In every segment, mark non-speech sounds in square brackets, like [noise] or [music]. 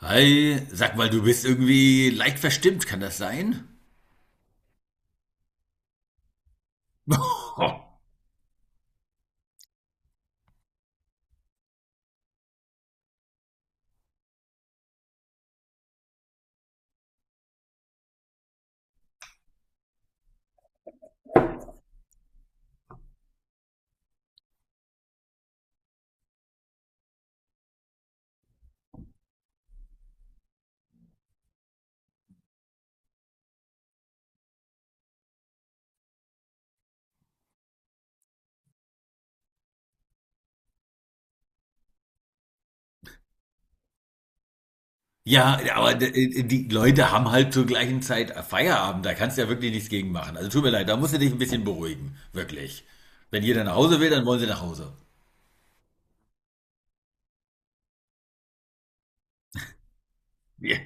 Hi, sag mal, du bist irgendwie leicht verstimmt, kann das sein? [laughs] Ja, aber die Leute haben halt zur gleichen Zeit Feierabend, da kannst du ja wirklich nichts gegen machen. Also tut mir leid, da musst du dich ein bisschen beruhigen, wirklich. Wenn jeder nach Hause will, dann wollen sie nach Hause. Ja.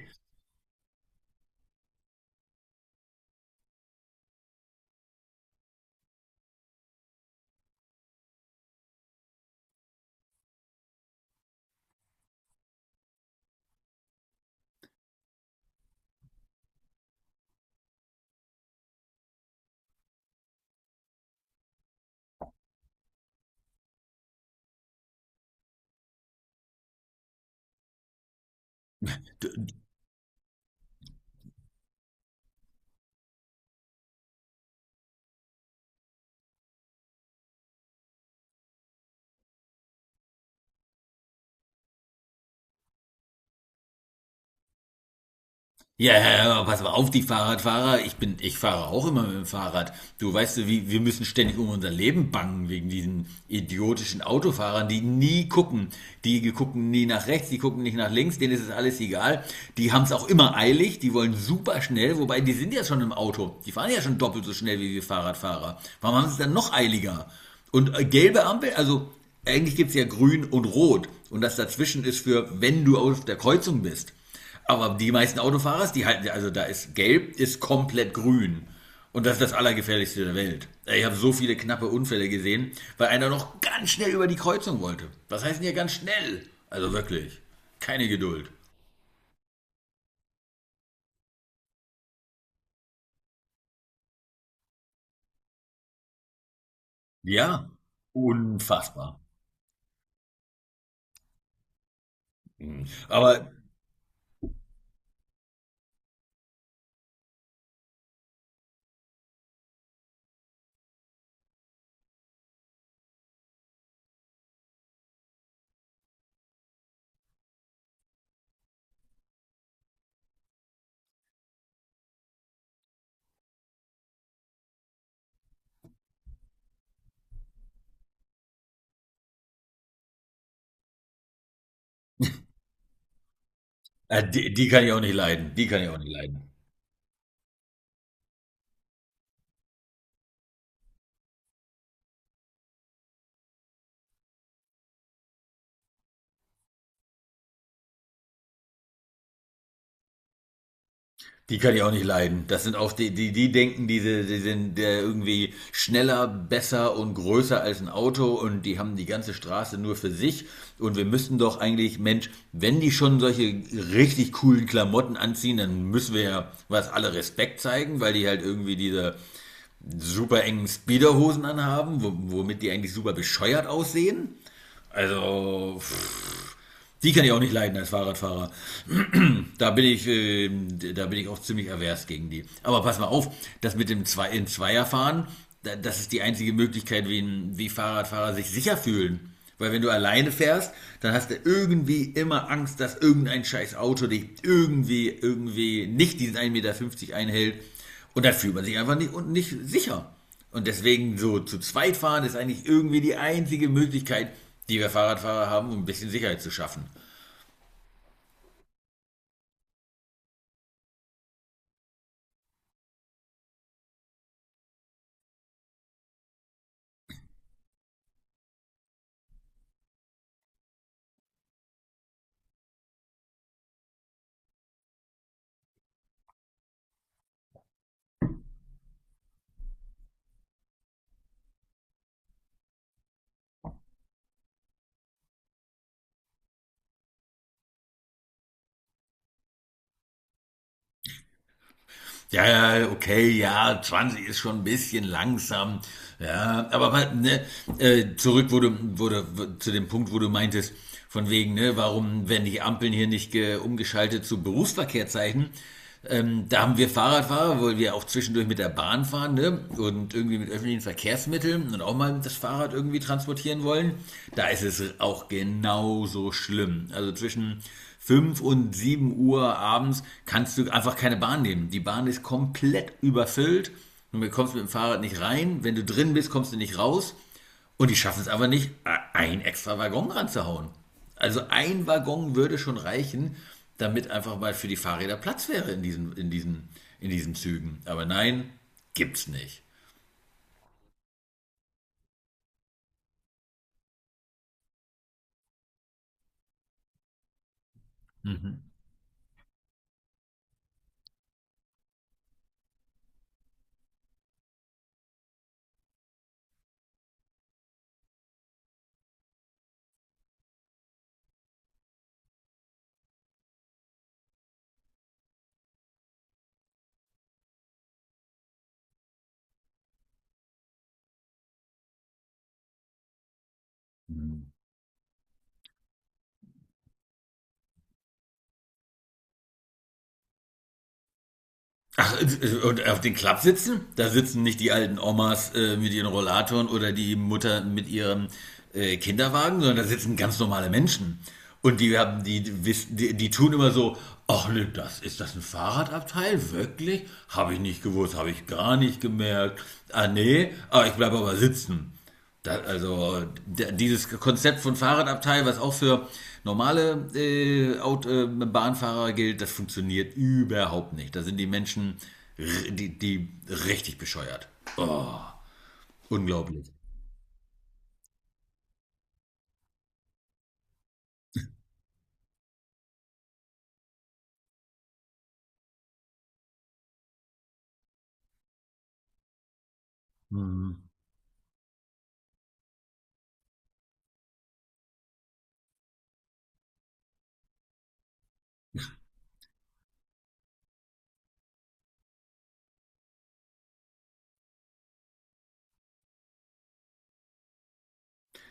Ja, ja, ja, pass mal auf, die Fahrradfahrer. Ich fahre auch immer mit dem Fahrrad. Du weißt, du, wie, Wir müssen ständig um unser Leben bangen wegen diesen idiotischen Autofahrern, die nie gucken. Die gucken nie nach rechts, die gucken nicht nach links, denen ist es alles egal. Die haben es auch immer eilig, die wollen super schnell, wobei die sind ja schon im Auto. Die fahren ja schon doppelt so schnell wie wir Fahrradfahrer. Warum haben sie es dann noch eiliger? Und gelbe Ampel, also eigentlich gibt's ja grün und rot. Und das dazwischen ist für, wenn du auf der Kreuzung bist. Aber die meisten Autofahrer, die halten, also da ist gelb, ist komplett grün. Und das ist das Allergefährlichste der Welt. Ich habe so viele knappe Unfälle gesehen, weil einer noch ganz schnell über die Kreuzung wollte. Was heißt denn hier ganz schnell? Also wirklich, keine Geduld. Ja, unfassbar. Aber die kann ich auch nicht leiden. Die kann ich auch nicht leiden. Die kann ich auch nicht leiden. Das sind auch die denken, die sind irgendwie schneller, besser und größer als ein Auto, und die haben die ganze Straße nur für sich. Und wir müssten doch eigentlich, Mensch, wenn die schon solche richtig coolen Klamotten anziehen, dann müssen wir ja was alle Respekt zeigen, weil die halt irgendwie diese super engen Speederhosen anhaben, womit die eigentlich super bescheuert aussehen. Also, pff, die kann ich auch nicht leiden als Fahrradfahrer. Da bin ich, da bin ich auch ziemlich avers gegen die. Aber pass mal auf, das mit dem Zwei in Zweierfahren, das ist die einzige Möglichkeit, wie Fahrradfahrer sich sicher fühlen. Weil wenn du alleine fährst, dann hast du irgendwie immer Angst, dass irgendein scheiß Auto dich irgendwie nicht diesen 1,50 Meter einhält. Und dann fühlt man sich einfach nicht sicher. Und deswegen so zu zweit fahren ist eigentlich irgendwie die einzige Möglichkeit, die wir Fahrradfahrer haben, um ein bisschen Sicherheit zu schaffen. Ja, ja, okay, ja, 20 ist schon ein bisschen langsam. Ja, aber ne, wurde zu dem Punkt, wo du meintest, von wegen, ne, warum werden die Ampeln hier nicht umgeschaltet zu Berufsverkehrszeichen? Da haben wir Fahrradfahrer, weil wir auch zwischendurch mit der Bahn fahren, ne? Und irgendwie mit öffentlichen Verkehrsmitteln und auch mal das Fahrrad irgendwie transportieren wollen. Da ist es auch genauso schlimm. Also zwischen 5 und 7 Uhr abends kannst du einfach keine Bahn nehmen. Die Bahn ist komplett überfüllt. Du kommst mit dem Fahrrad nicht rein. Wenn du drin bist, kommst du nicht raus. Und die schaffen es aber nicht, einen extra Waggon ranzuhauen. Also ein Waggon würde schon reichen, damit einfach mal für die Fahrräder Platz wäre in diesen Zügen. Aber nein, gibt's nicht. Ach, und auf den Klappsitzen? Da sitzen nicht die alten Omas mit ihren Rollatoren oder die Mutter mit ihrem Kinderwagen, sondern da sitzen ganz normale Menschen. Und die haben, die tun immer so, ach ne, das ist das ein Fahrradabteil? Wirklich? Habe ich nicht gewusst, habe ich gar nicht gemerkt. Ah nee, aber ich bleibe aber sitzen. Dieses Konzept von Fahrradabteil, was auch für normale Aut Bahnfahrer gilt, das funktioniert überhaupt nicht. Da sind die Menschen, die richtig bescheuert. Unglaublich. Mhm.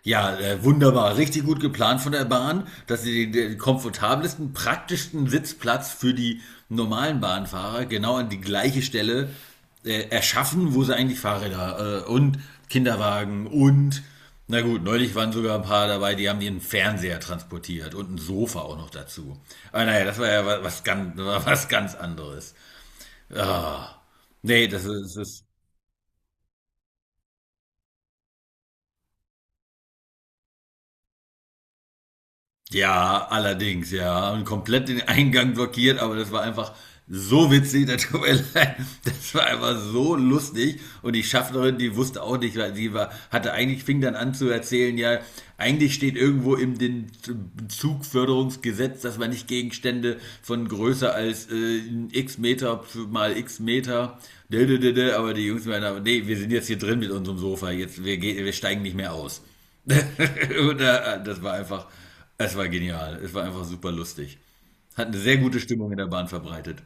Ja, wunderbar. Richtig gut geplant von der Bahn, dass sie den komfortabelsten, praktischsten Sitzplatz für die normalen Bahnfahrer genau an die gleiche Stelle erschaffen, wo sie eigentlich Fahrräder und Kinderwagen und, na gut, neulich waren sogar ein paar dabei, die haben ihren Fernseher transportiert und ein Sofa auch noch dazu. Aber naja, das war ja was, was ganz, [laughs] was ganz anderes. Ah. Nee, das ist, das ist. Ja, allerdings, ja. Und komplett den Eingang blockiert, aber das war einfach so witzig, das tut mir [laughs] leid. Das war einfach so lustig. Und die Schaffnerin, die wusste auch nicht, weil sie war, hatte eigentlich, fing dann an zu erzählen, ja, eigentlich steht irgendwo im den Zugförderungsgesetz, dass man nicht Gegenstände von größer als x Meter mal x Meter, dä, dä, dä, dä. Aber die Jungs meinen, nee, wir sind jetzt hier drin mit unserem Sofa, wir steigen nicht mehr aus. [laughs] Und, das war einfach es war genial. Es war einfach super lustig. Hat eine sehr gute Stimmung in der Bahn verbreitet.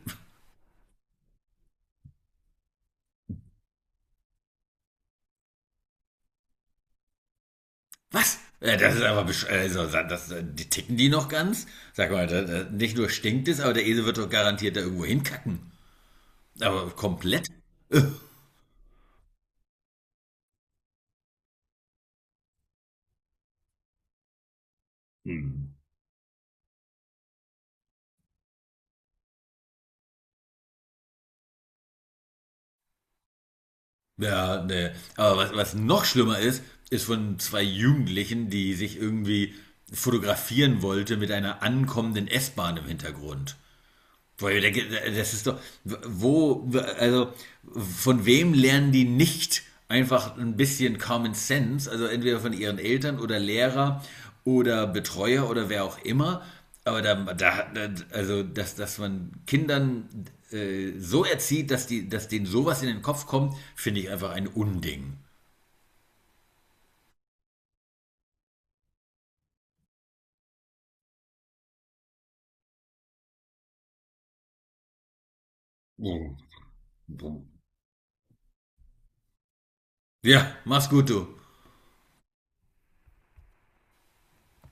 Was? Das ist aber besch also, sa- das, die ticken die noch ganz? Sag mal, nicht nur stinkt es, aber der Esel wird doch garantiert da irgendwo hinkacken. Aber komplett? Ja, ne. Aber was, was noch schlimmer ist, ist von zwei Jugendlichen, die sich irgendwie fotografieren wollte mit einer ankommenden S-Bahn im Hintergrund. Das ist doch, wo, also von wem lernen die nicht einfach ein bisschen Common Sense? Also entweder von ihren Eltern oder Lehrer oder Betreuer oder wer auch immer. Aber da, da also dass man Kindern so erzieht, dass denen sowas in den Kopf kommt, finde ich einfach ein Unding. Ja, mach's gut, du.